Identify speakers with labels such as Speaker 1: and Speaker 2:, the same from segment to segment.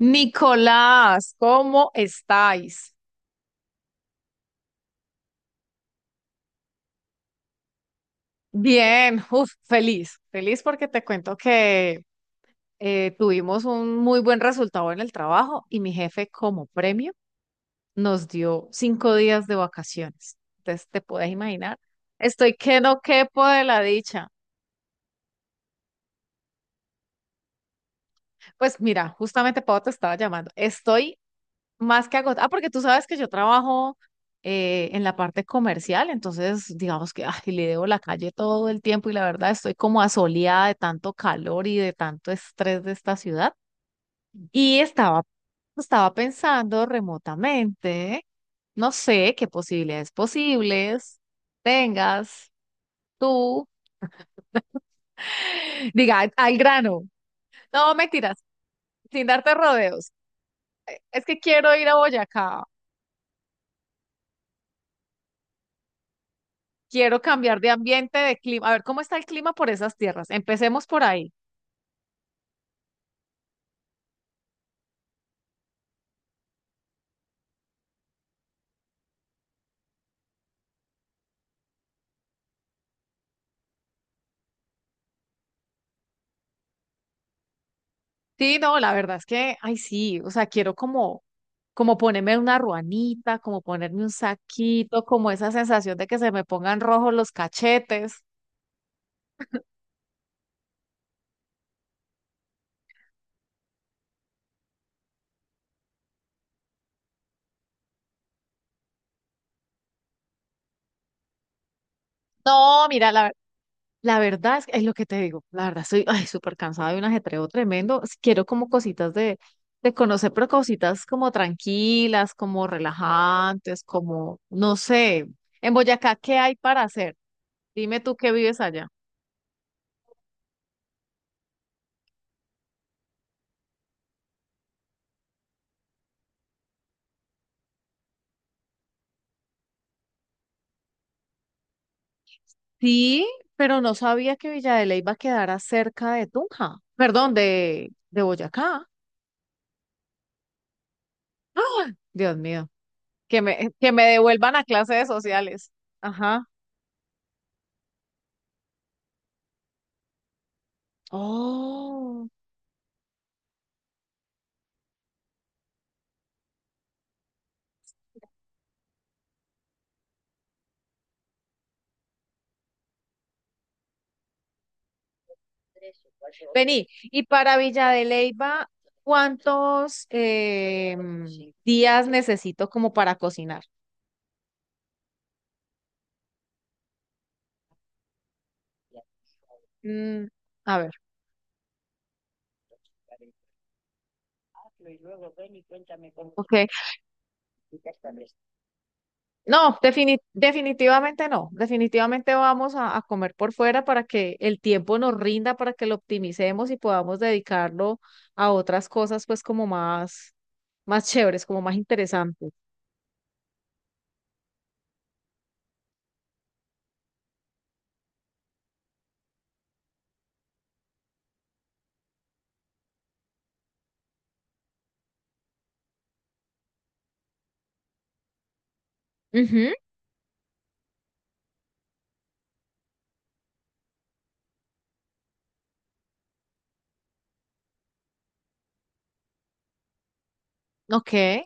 Speaker 1: Nicolás, ¿cómo estáis? Bien, uf, feliz, feliz porque te cuento que tuvimos un muy buen resultado en el trabajo y mi jefe como premio nos dio 5 días de vacaciones. Entonces, te puedes imaginar, estoy que no quepo de la dicha. Pues mira, justamente Pau te estaba llamando, estoy más que agotado. Ah, porque tú sabes que yo trabajo en la parte comercial, entonces digamos que ay, le debo la calle todo el tiempo y la verdad estoy como asoleada de tanto calor y de tanto estrés de esta ciudad. Y estaba, estaba pensando remotamente, no sé qué posibilidades posibles tengas tú. Diga, al grano. No, mentiras, sin darte rodeos. Es que quiero ir a Boyacá. Quiero cambiar de ambiente, de clima. A ver, ¿cómo está el clima por esas tierras? Empecemos por ahí. Sí, no, la verdad es que, ay, sí, o sea, quiero como, como ponerme una ruanita, como ponerme un saquito, como esa sensación de que se me pongan rojos los cachetes. No, mira, la verdad es lo que te digo, la verdad estoy, ay, súper cansada de un ajetreo tremendo. Quiero como cositas de conocer, pero cositas como tranquilas, como relajantes, como, no sé, en Boyacá, ¿qué hay para hacer? Dime tú que vives allá. Sí, pero no sabía que Villa de Leyva quedara cerca de Tunja. Perdón, de Boyacá. ¡Ah! Dios mío, que me devuelvan a clases sociales. Ajá. Oh. Vení, y para Villa de Leyva, ¿cuántos días necesito como para cocinar? Mm, a ver. Ok. No, definitivamente no. Definitivamente vamos a comer por fuera para que el tiempo nos rinda, para que lo optimicemos y podamos dedicarlo a otras cosas, pues como más, más chéveres, como más interesantes. Ujú, ok.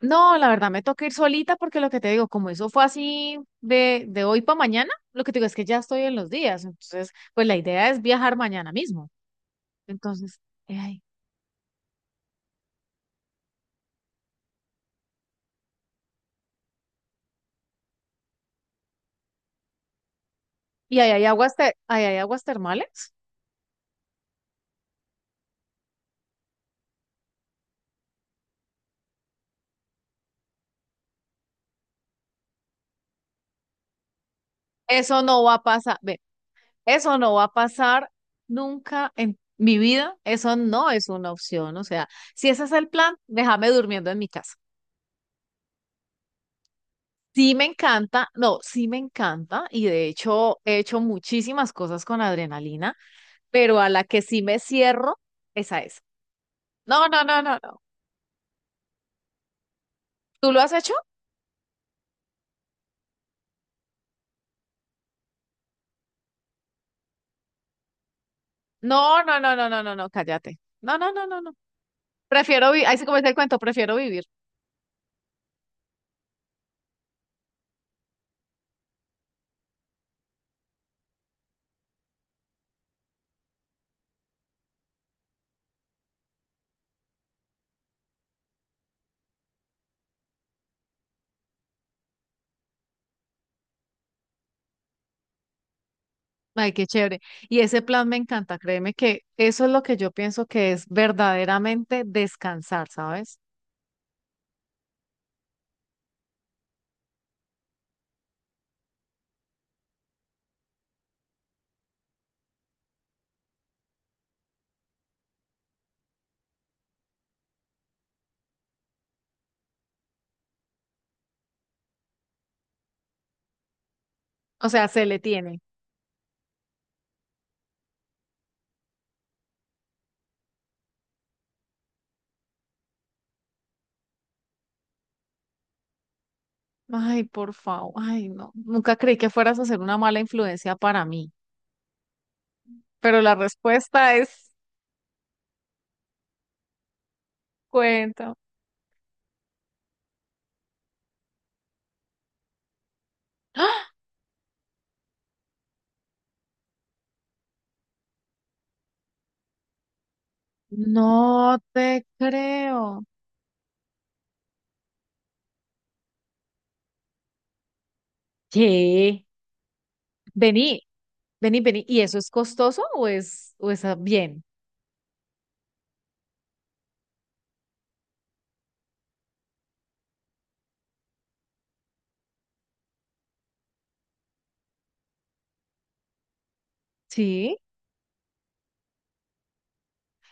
Speaker 1: No, la verdad me toca ir solita porque lo que te digo, como eso fue así de hoy para mañana, lo que te digo es que ya estoy en los días. Entonces, pues la idea es viajar mañana mismo. Entonces, ay, ¿y ahí hay aguas, ahí hay aguas termales? Eso no va a pasar. Eso no va a pasar nunca en mi vida. Eso no es una opción. O sea, si ese es el plan, déjame durmiendo en mi casa. Sí me encanta, no, sí me encanta y de hecho he hecho muchísimas cosas con adrenalina, pero a la que sí me cierro, esa es. No, no, no, no, no. ¿Tú lo has hecho? No, no, no, no, no, no, no, cállate. No, no, no, no, no. Prefiero vivir, ahí sí como dice el cuento, prefiero vivir. Ay, qué chévere. Y ese plan me encanta, créeme que eso es lo que yo pienso que es verdaderamente descansar, ¿sabes? O sea, se le tiene. Ay, por favor, ay, no. Nunca creí que fueras a ser una mala influencia para mí, pero la respuesta es cuenta. No te creo. ¿Qué? Vení, vení, vení. ¿Y eso es costoso o es ah, bien? Sí.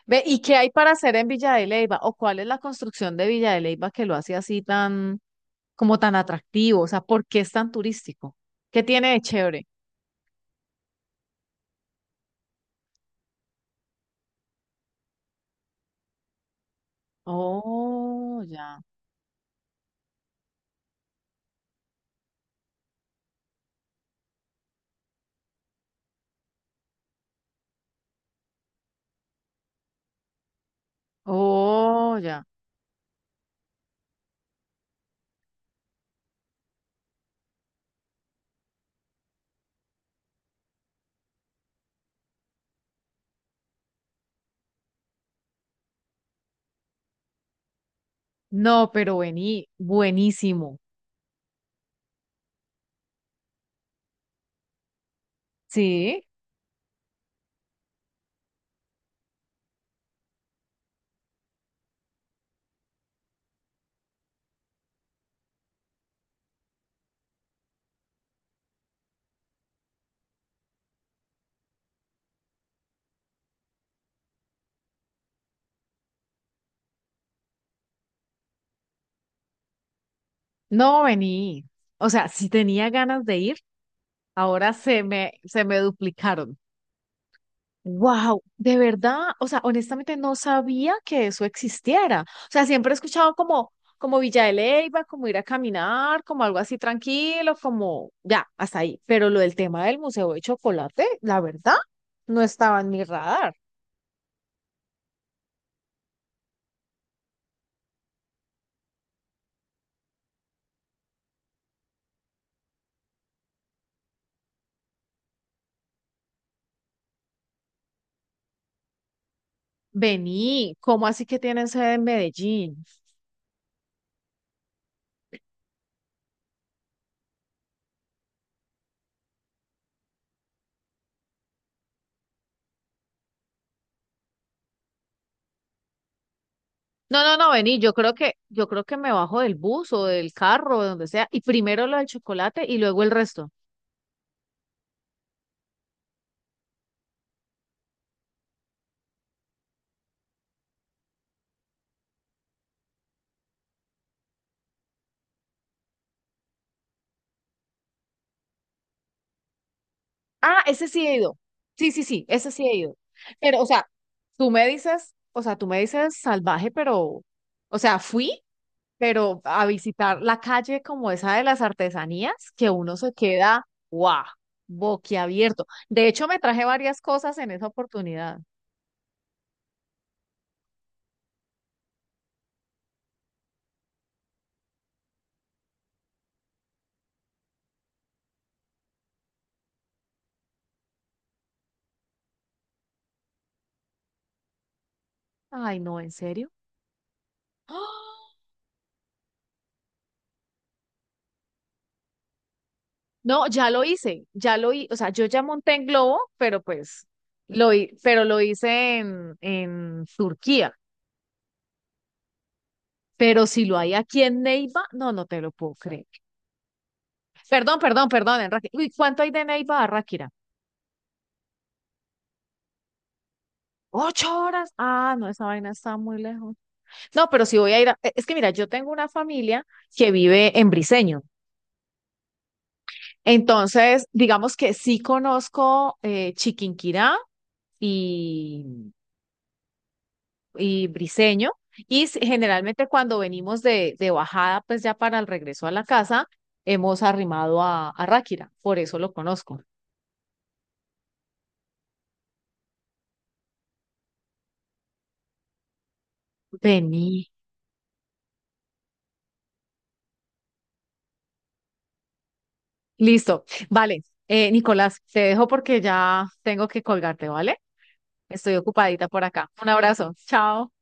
Speaker 1: Ve, ¿y qué hay para hacer en Villa de Leyva? ¿O cuál es la construcción de Villa de Leyva que lo hace así tan... como tan atractivo? O sea, ¿por qué es tan turístico? ¿Qué tiene de chévere? Oh, ya. Oh, ya. No, pero vení, buenísimo. Sí, no vení. O sea, si tenía ganas de ir, ahora se me duplicaron. Wow, de verdad, o sea, honestamente no sabía que eso existiera. O sea, siempre he escuchado como, como Villa de Leyva, como ir a caminar, como algo así tranquilo, como ya, hasta ahí. Pero lo del tema del Museo de Chocolate, la verdad, no estaba en mi radar. Vení, ¿cómo así que tienen sede en Medellín? No, no, no, vení, yo creo que me bajo del bus o del carro, de donde sea, y primero lo del chocolate y luego el resto. Ah, ese sí he ido. Sí, sí, sí, ese sí he ido. Pero, o sea, tú me dices, o sea, tú me dices salvaje, pero, o sea, fui, pero a visitar la calle como esa de las artesanías, que uno se queda, guau, boquiabierto. De hecho, me traje varias cosas en esa oportunidad. Ay, no, ¿en serio? ¡Ah! No, ya lo hice, o sea, yo ya monté en globo, pero pues, pero lo hice en Turquía. Pero si lo hay aquí en Neiva, no, no te lo puedo creer. Perdón, perdón, perdón, en Ráquira. Uy, ¿cuánto hay de Neiva a Ráquira? ¿8 horas? Ah, no, esa vaina está muy lejos. No, pero si voy a ir a... Es que mira, yo tengo una familia que vive en Briseño. Entonces, digamos que sí conozco Chiquinquirá y, y Briseño. Y generalmente cuando venimos de bajada, pues ya para el regreso a la casa, hemos arrimado a Ráquira. Por eso lo conozco. Vení. Listo. Vale. Nicolás, te dejo porque ya tengo que colgarte, ¿vale? Estoy ocupadita por acá. Un abrazo. Chao.